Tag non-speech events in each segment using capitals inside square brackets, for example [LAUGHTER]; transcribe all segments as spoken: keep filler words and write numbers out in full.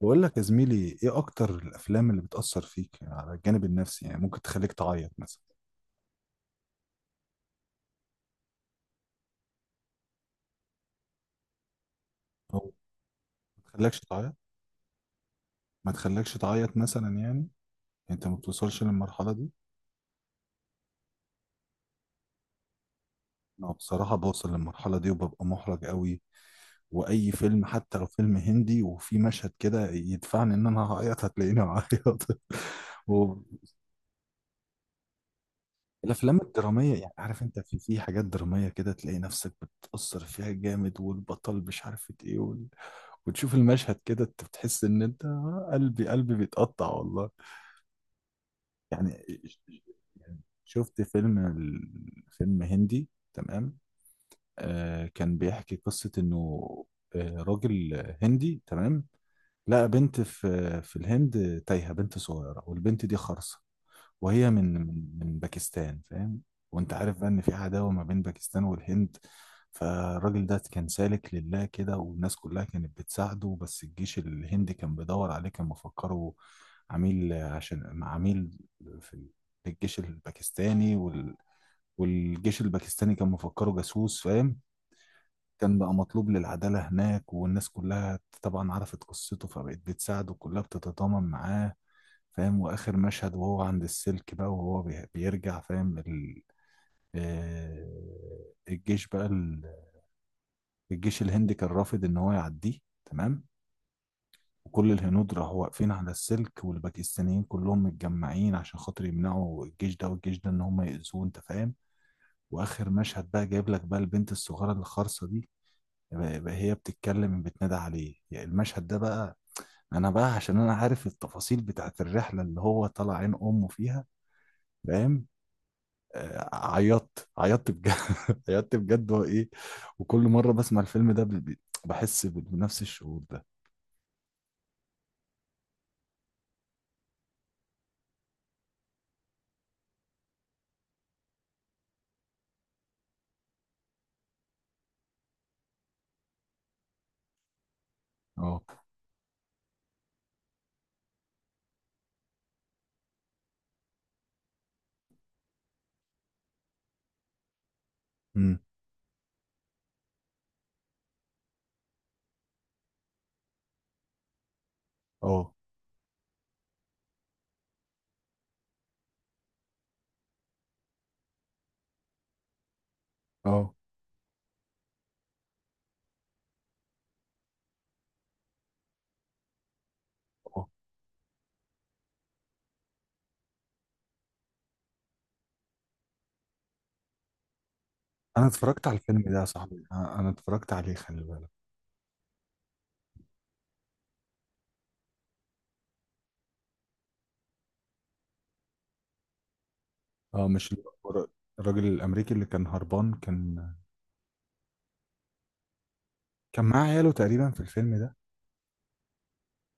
بقول لك يا زميلي، ايه اكتر الافلام اللي بتأثر فيك على الجانب النفسي؟ يعني ممكن تخليك تعيط مثلا او ما تخليكش تعيط ما تخليكش تعيط مثلا يعني، انت ما بتوصلش للمرحلة دي؟ انا بصراحة بوصل للمرحلة دي وببقى محرج قوي. واي فيلم حتى لو فيلم هندي وفي مشهد كده يدفعني ان انا هعيط هتلاقيني بعيط. [LAUGHS] والافلام الدرامية، يعني عارف انت، في في حاجات درامية كده تلاقي نفسك بتأثر فيها جامد، والبطل مش عارف ايه. وتشوف المشهد كده انت بتحس ان انت، آه، قلبي قلبي بيتقطع والله. يعني يعني شفت فيلم ال- فيلم هندي تمام. آه كان بيحكي قصة انه آه راجل هندي تمام لقى بنت في في الهند، تايهة، بنت صغيرة، والبنت دي خرسة. وهي من من من باكستان، فاهم. وانت عارف بقى ان في عداوة ما بين باكستان والهند. فالراجل ده كان سالك لله كده، والناس كلها كانت بتساعده، بس الجيش الهندي كان بيدور عليه، كان مفكره عميل، عشان عميل في الجيش الباكستاني، وال... والجيش الباكستاني كان مفكره جاسوس، فاهم. كان بقى مطلوب للعدالة هناك، والناس كلها طبعا عرفت قصته فبقت بتساعده، كلها بتتضامن معاه، فاهم. واخر مشهد وهو عند السلك بقى، وهو بي- بيرجع، فاهم ال... آه، الجيش بقى ال... الجيش الهندي كان رافض ان هو يعديه، تمام. وكل الهنود راحوا واقفين على السلك، والباكستانيين كلهم متجمعين عشان خاطر يمنعوا الجيش ده والجيش ده ان هم يأذوه، انت فاهم. واخر مشهد بقى جايب لك بقى البنت الصغيره الخرصه دي، بقى بقى هي بتتكلم، بتنادى عليه، يعني المشهد ده بقى، انا بقى عشان انا عارف التفاصيل بتاعت الرحله اللي هو طلع عين امه فيها، فاهم. آه، عيطت عيطت بجد. [LAUGHS] عيطت بجد هو ايه. وكل مره بسمع الفيلم ده ب- ب- بحس ب- بنفس الشعور ده. اه. امم. اه. اه. اه. انا اتفرجت على الفيلم ده يا صاحبي، انا أنا اتفرجت عليه، خلي بالك. اه، مش اللي هو الر- الراجل الامريكي اللي كان هربان، كان كان معاه عياله تقريبا في الفيلم ده؟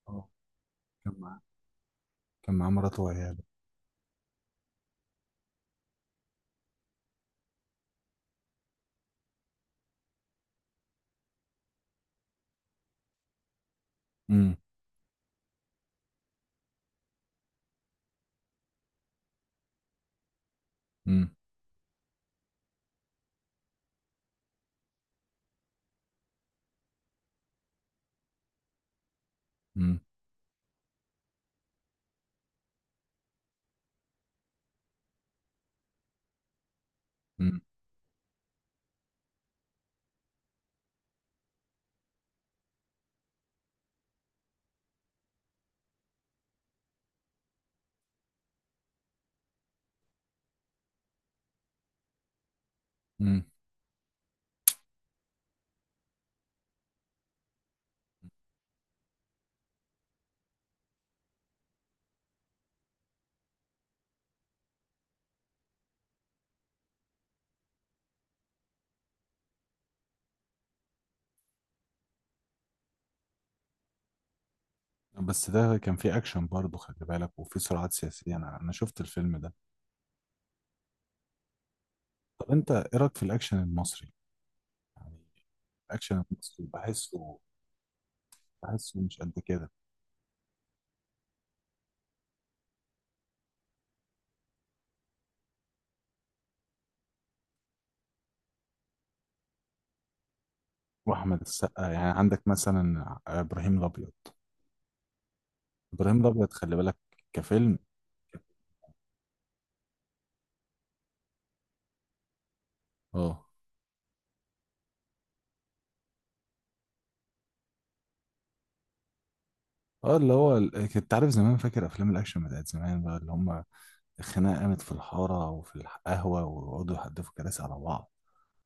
اه، كان معاه كان معاه مراته وعياله. امم. امم. امم. امم. امم. بس ده كان فيه اكشن برضه، خلي بالك، وفيه صراعات سياسيه. انا انا شفت الفيلم ده. طب انت ايه رايك في الاكشن المصري؟ يعني الاكشن المصري بحسه، بحسه مش قد كده. واحمد السقا، يعني عندك مثلا ابراهيم الابيض. ابراهيم الابيض خلي بالك، كفيلم. اه. اه، اللي هو ال- كنت عارف زمان، فاكر افلام الاكشن بتاعت زمان بقى، اللي هم الخناقه قامت في الحاره وفي القهوه ويقعدوا يحدفوا كراسي على بعض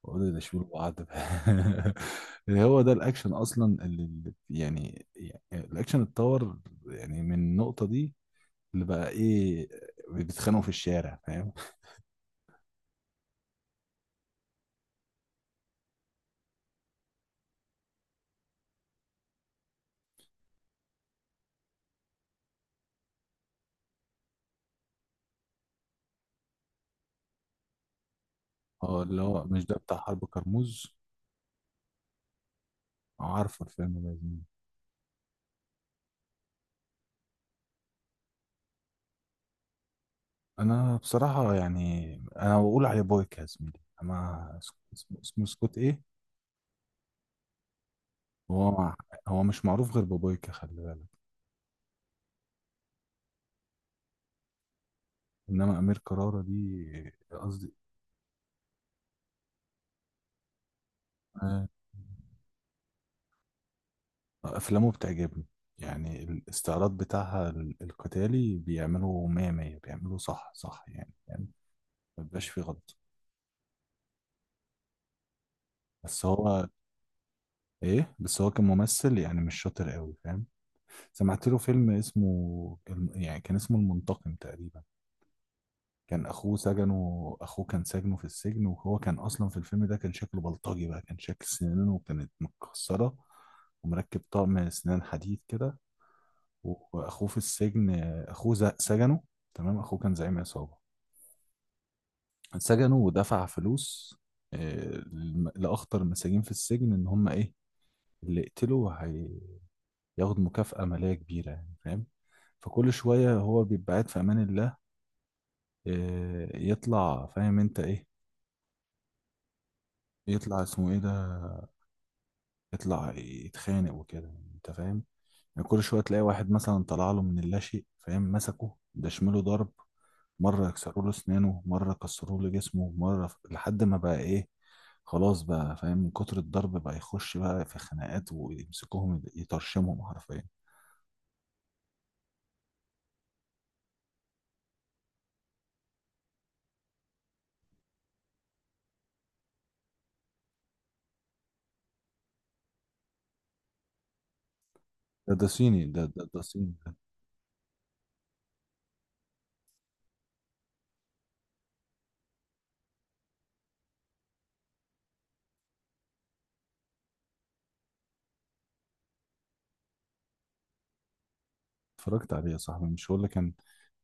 ويقعدوا يدشوا بعض. [LAUGHS] اللي هو ده الاكشن اصلا، اللي اللي- يعني يعني الاكشن اتطور يعني من النقطه دي، اللي بقى ايه، بيتخانقوا في الشارع، فاهم. هو اللي هو مش ده بتاع حرب كرموز؟ آه، عارفه الفيلم ده يا زميلي. انا بصراحة يعني انا بقول عليه بويكا يا زميلي، اما اسمه اسمه سكوت ايه. هو مع... هو مش معروف غير ببويكا، خلي بالك. انما امير كرارة دي قصدي. آه، افلامه بتعجبني، يعني الاستعراض بتاعها ال- القتالي، بيعملوا مية مية، بيعملوا صح صح، يعني يعني ما بيبقاش فيه غلط. بس هو ايه بس هو كممثل يعني مش شاطر قوي، فاهم. سمعت له فيلم اسمه، الم- يعني كان اسمه المنتقم تقريبا. كان اخوه سجنه، اخوه كان سجنه في السجن، وهو كان اصلا في الفيلم ده كان شكله بلطجي بقى، كان شكل سنانه كانت متكسره ومركب طقم سنان حديد كده. واخوه في السجن، اخوه ز- سجنه، تمام، اخوه كان زعيم عصابه، سجنه ودفع فلوس، آه، لم- لاخطر المساجين في السجن ان هم ايه، اللي يقتله ياخد مكافأة مالية كبيرة، يعني فاهم. فكل شوية هو بيبقى قاعد في أمان الله، آه، يطلع فاهم أنت إيه، يطلع اسمه إيه ده، يطلع يتخانق وكده، أنت فاهم. يعني كل شوية تلاقي واحد مثلا طلع له من اللاشيء، فاهم، مسكه دشمله ضرب. مرة يكسروا له أسنانه، مرة كسروا له جسمه، مرة ف... لحد ما بقى إيه، خلاص بقى، فاهم، من كتر الضرب بقى يخش بقى في خناقات ويمسكوهم يطرشمهم حرفيا. ده ده صيني، ده ده ده صيني. اتفرجت عليه يا صاحبي، مش هو اللي كان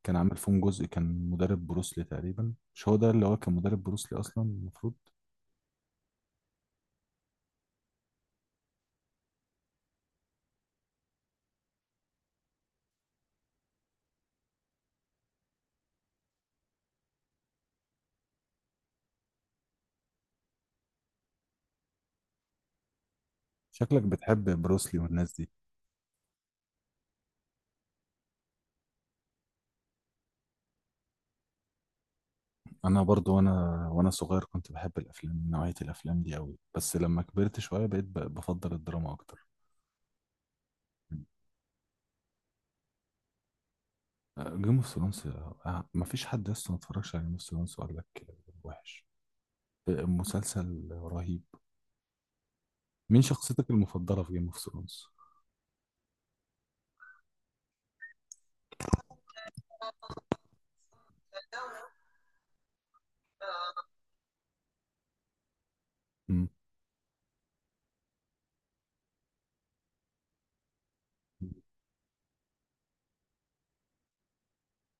كان عامل فيهم جزء، كان مدرب بروسلي تقريبا؟ مش هو ده اللي هو كان مدرب بروسلي اصلا المفروض؟ شكلك بتحب بروسلي والناس دي. انا برضو، وانا وانا صغير كنت بحب الافلام، نوعية الافلام دي قوي، بس لما كبرت شوية بقيت ب- بفضل الدراما اكتر. جيم اوف ثرونز. مفيش حد لسه ما اتفرجش على جيم اوف ثرونز وقال لك وحش. مسلسل رهيب. مين شخصيتك المفضلة في جيم اوف ثرونز؟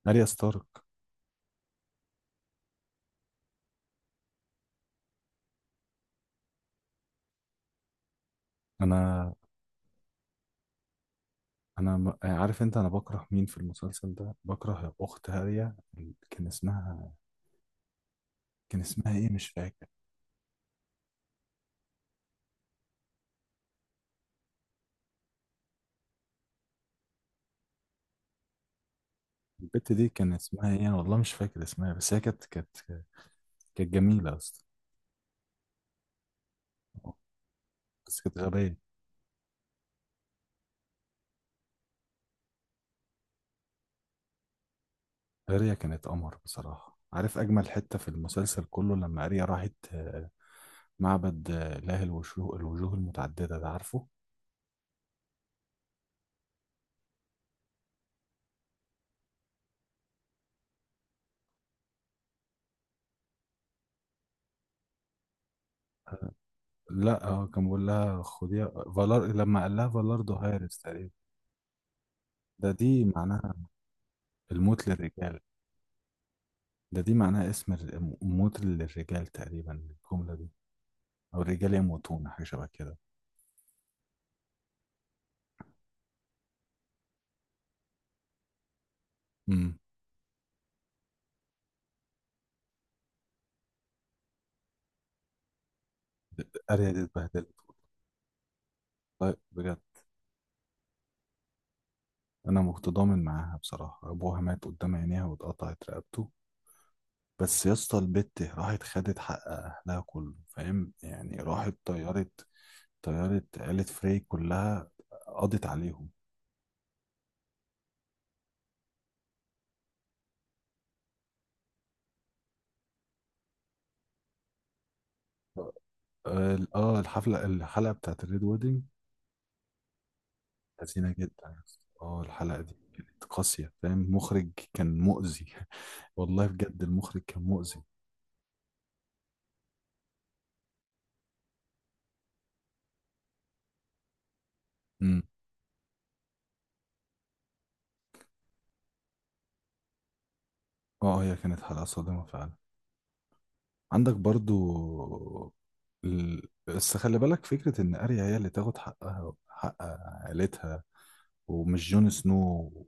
اريا ستارك. انا انا م- آه، عارف انت، انا بكره مين في المسلسل ده؟ بكره اخت هاريا، ال- كان اسمها كان اسمها ايه مش فاكر. البت دي كان اسمها ايه، انا والله مش فاكر اسمها، بس هي كانت كانت كانت جميله اصلا، بس كانت غبيه. هاريا كانت قمر بصراحه. عارف اجمل حته في المسلسل كله؟ لما هاريا راحت آه، معبد آه، اله الوشوه الوجوه المتعدده ده، عارفه. لا، هو كان بيقول لها خديها، فالار، لما قال لها فالاردو هايرس تقريبا. ده دي معناها الموت للرجال. ده دي معناها اسم الر- موت للرجال تقريبا، الجملة دي، أو الرجال يموتون، حاجة شبه كده. امم. أريا دي اتبهدلت، طيب بجد. أنا متضامن معاها بصراحة، أبوها مات قدام عينيها واتقطعت رقبته. بس يا اسطى، البت راحت خدت حق أهلها كله، فاهم يعني. راحت طيرت طيرت عيلة فري كلها، قضت عليهم. اه. آه، الحفلة الحلقة بتاعت الريد ويدنج، حزينة جدا يا اسطى. اه، الحلقة دي كانت قاسية، فاهم، المخرج كان مؤذي. [LAUGHS] والله بجد المخرج كان مؤذي. امم. اه، هي كانت حلقة صادمة فعلا. عندك برضو ال... بس خلي بالك فكرة إن أريا هي اللي تاخد حقها، حق عائلتها، ومش جون سنو،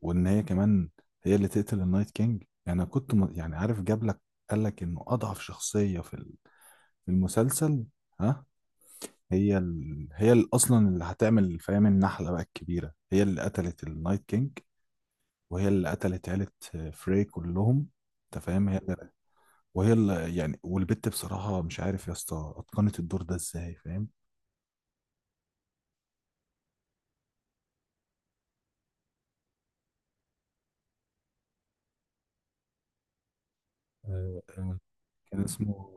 وإن هي كمان هي اللي تقتل النايت كينج، يعني. أنا كنت م... يعني عارف، جاب لك قال لك إنه أضعف شخصية في ال- في المسلسل، ها. هي ال... هي ال... اصلا اللي هتعمل، فاهم، النحله بقى الكبيره هي اللي قتلت النايت كينج، وهي اللي قتلت عيله فري كلهم، انت فاهم، هي اللي... وهي اللي يعني. والبت بصراحه، مش عارف يا اسطى اتقنت الدور ده ازاي، فاهم. آه، آه، كان اسمه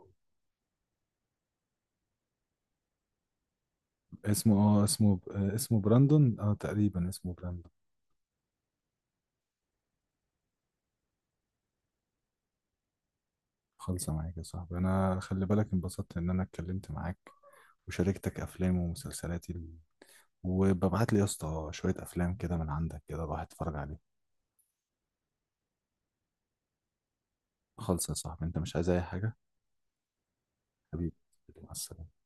اسمه اه اسمه آه، اسمه براندون، اه تقريبا اسمه براندون. خلصة معاك يا صاحبي انا، خلي بالك، انبسطت ان انا اتكلمت معاك وشاركتك افلام ومسلسلاتي، وببعت لي يا اسطى شوية افلام كده من عندك كده الواحد اتفرج عليها. خلص يا صاحبي، انت مش عايز اي حاجة؟ حبيبي، مع السلامة.